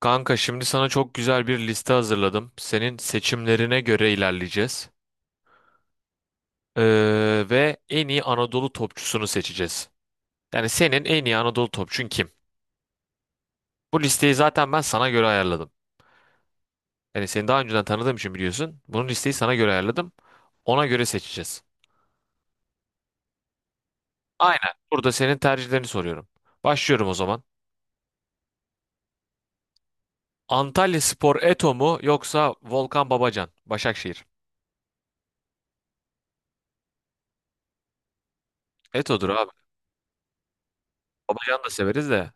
Kanka şimdi sana çok güzel bir liste hazırladım. Senin seçimlerine göre ilerleyeceğiz. Ve en iyi Anadolu topçusunu seçeceğiz. Yani senin en iyi Anadolu topçun kim? Bu listeyi zaten ben sana göre ayarladım. Yani seni daha önceden tanıdığım için biliyorsun. Bunun listeyi sana göre ayarladım. Ona göre seçeceğiz. Aynen. Burada senin tercihlerini soruyorum. Başlıyorum o zaman. Antalyaspor Eto mu yoksa Volkan Babacan? Başakşehir. Eto'dur abi. Babacan da severiz de.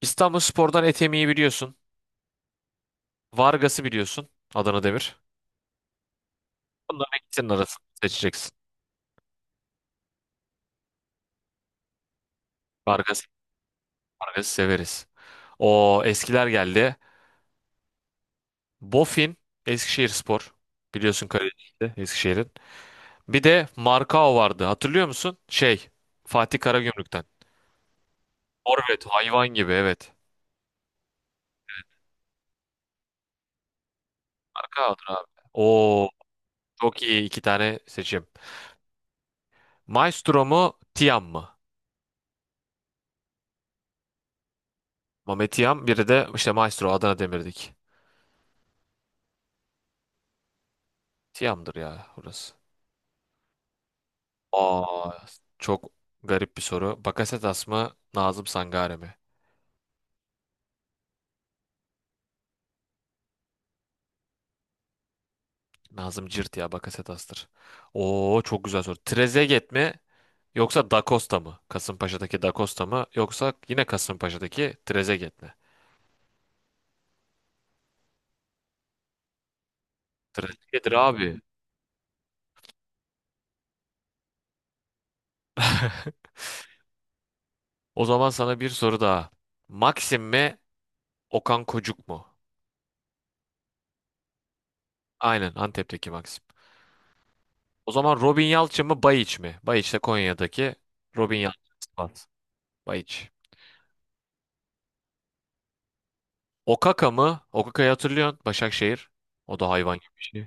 İstanbulspor'dan Etemi'yi biliyorsun. Vargas'ı biliyorsun. Adana Demir. Bunların ikisinin arasını seçeceksin. Vargas, Vargas'ı severiz. O eskiler geldi. Bofin, Eskişehirspor. Biliyorsun Karadeniz'de Eskişehir'in. Bir de Markao vardı. Hatırlıyor musun? Fatih Karagümrük'ten. Forvet, hayvan gibi evet. Markao'dur abi. Oo, çok iyi iki tane seçim. Maestro mu, Tiam mı? Mehmet Tiam, biri de işte Maestro Adana Demir'dik. Tiam'dır ya burası. Aa, çok garip bir soru. Bakasetas mı, Nazım Sangare mi? Nazım Cirt ya, Bakasetas'tır. Oo, çok güzel soru. Trezeguet mi yoksa Da Costa mı? Kasımpaşa'daki Da Costa mı yoksa yine Kasımpaşa'daki Trezeguet mi? Trezeguet'tir abi. O zaman sana bir soru daha. Maxim mi, Okan Kocuk mu? Aynen, Antep'teki Maxim. O zaman Robin Yalçın mı, Bayiç mi? Bayiç de Konya'daki Robin Yalçın. Sivas. Bayiç. Okaka mı? Okaka'yı hatırlıyorsun. Başakşehir. O da hayvan gibi bir şey.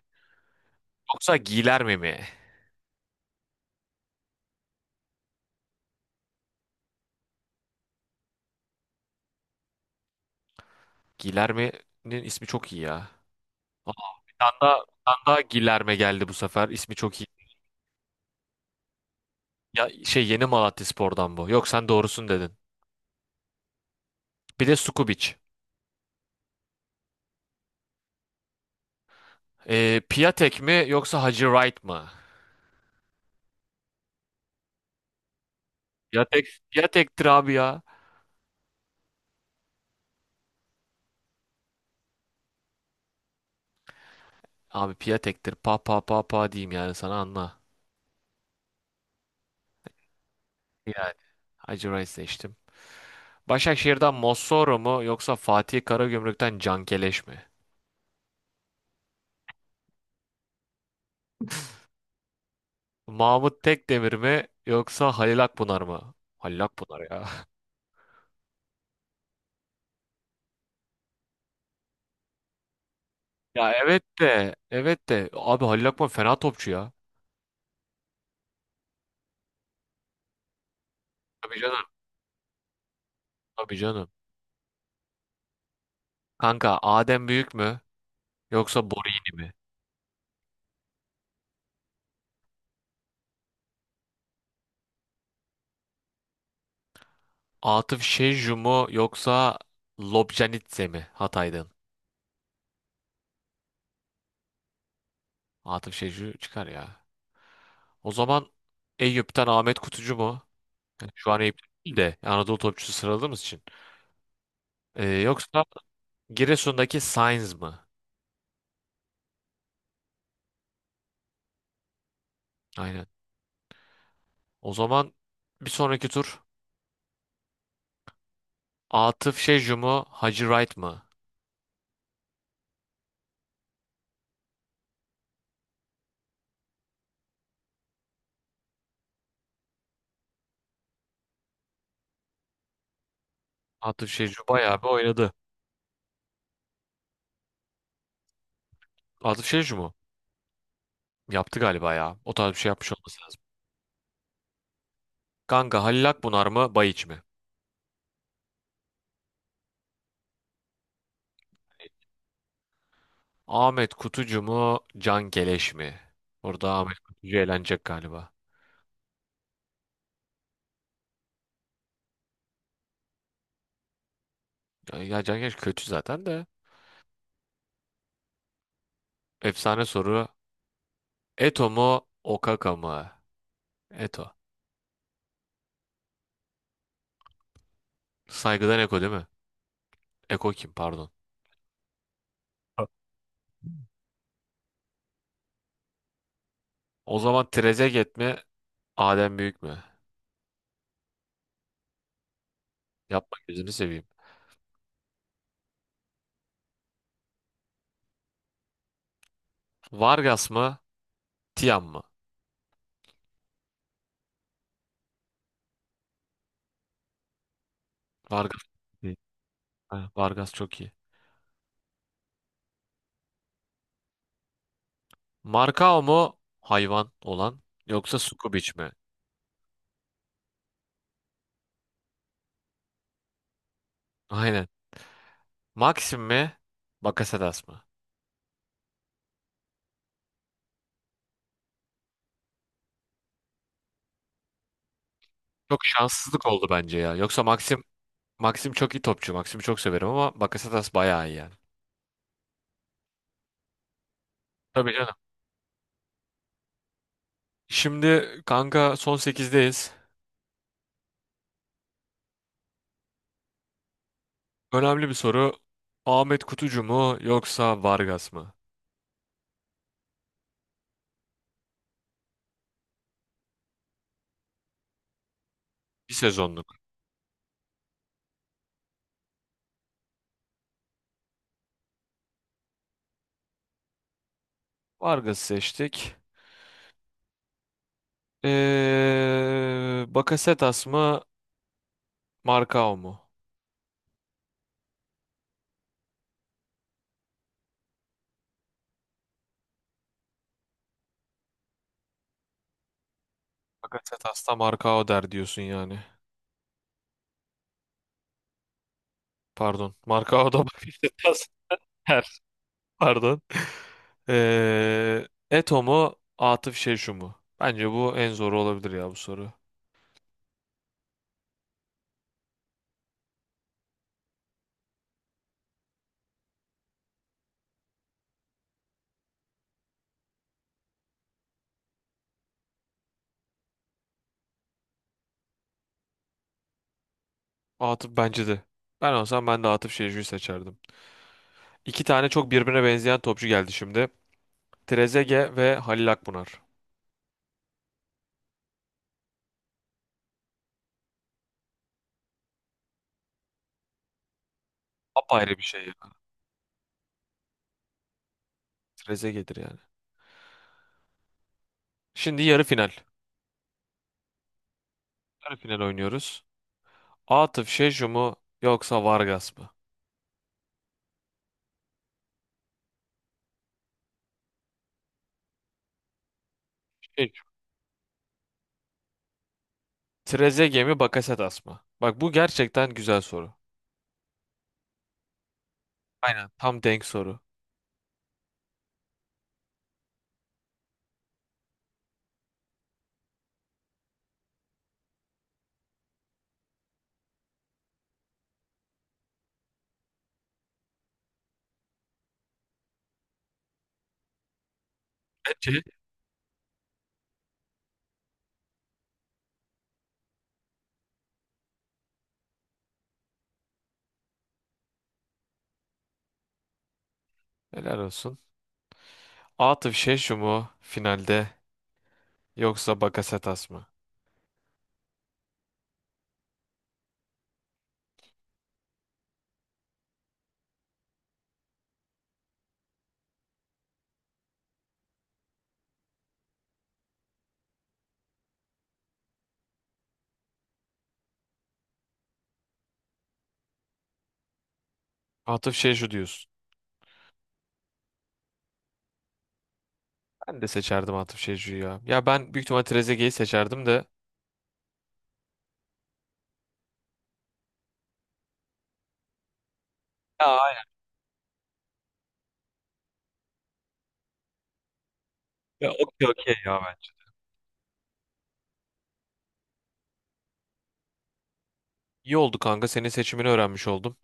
Yoksa Gilerme mi? Gilerme'nin ismi çok iyi ya. Aa, bir tane daha, bir tane daha Gilerme geldi bu sefer. İsmi çok iyi. Ya şey Yeni Malatyaspor'dan bu. Yok sen doğrusun dedin. Bir de Sukubic. Piatek mi yoksa Hacı Wright mı? Piatek, Piatek'tir abi ya. Abi Piatek'tir. Pa pa pa pa diyeyim yani sana anla. Yani Hacı Wright seçtim. Başakşehir'den Mossoro mu yoksa Fatih Karagümrük'ten Cankeleş mi? Mahmut Tekdemir mi yoksa Halil Akpınar mı? Halil Akpınar ya. Ya evet de evet de abi Halil Akpınar fena topçu ya. Tabii canım. Tabii canım. Kanka Adem Büyük mü yoksa Borini mi? Atıf Şecu mu yoksa Lobjanitse mi Hatay'dan? Atıf Şecu çıkar ya. O zaman Eyüp'ten Ahmet Kutucu mu? Yani şu an Eyüp değil de Anadolu topçusu sıraladığımız için. Yoksa Giresun'daki Sainz mı? Aynen. O zaman bir sonraki tur Atıf Şecu mu? Hacı Wright mı? Atıf Şecu bayağı bir oynadı. Atıf Şecu mu? Yaptı galiba ya. O tarz bir şey yapmış olması lazım. Kanka Halil Akbunar mı? Bayiç mi? Ahmet Kutucu mu? Can Geleş mi? Burada Ahmet Kutucu eğlenecek galiba. Ya, ya Can Geleş kötü zaten de. Efsane soru. Eto mu? Okaka mı? Eto. Saygıdan Eko değil mi? Eko kim pardon. O zaman Trezeguet mi? Adem Büyük mü? Yapma gözünü seveyim. Vargas mı? Tiam mı? Vargas. Ha, Vargas çok iyi. Markao mu hayvan olan yoksa Sukubic mi? Aynen. Maxim mi? Bakasetas mı? Çok şanssızlık oldu bence ya. Yoksa Maxim çok iyi topçu. Maxim'i çok severim ama Bakasetas bayağı iyi yani. Tabii canım. Şimdi kanka son sekizdeyiz. Önemli bir soru. Ahmet Kutucu mu yoksa Vargas mı? Bir sezonluk. Vargas'ı seçtik. Bakasetas mı? Markao mu? Bakasetas'ta Markao der diyorsun yani. Pardon. Marka o da bakışta biraz ters. Pardon. Eto mu? Atıf Şeşu mu? Bence bu en zoru olabilir ya bu soru. Atıf bence de. Ben olsam ben de Atıf Şeşu'yu seçerdim. İki tane çok birbirine benzeyen topçu geldi şimdi. Trezeguet ve Halil Akbunar. Apayrı bir şey ya. Trezeguet'dir yani. Şimdi yarı final. Yarı final oynuyoruz. Atıf Şeşu mu yoksa Vargas mı? Şeşu. Trezeguet mi Bakasetas mı? Bak bu gerçekten güzel soru. Aynen tam denk soru. Ki helal olsun. Atıf Şeşu mu finalde yoksa Bakasetas mı? Atıf Şeşu diyorsun. Ben de seçerdim Atıf Şeşu'yu ya. Ya ben büyük ihtimal Trezeguet'i seçerdim de. Ya aynen. Ya okey okey ya bence. İyi oldu kanka. Senin seçimini öğrenmiş oldum.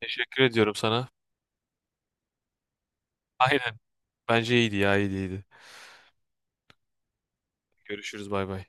Teşekkür ediyorum sana. Aynen. Bence iyiydi ya iyiydi iyiydi. Görüşürüz bay bay.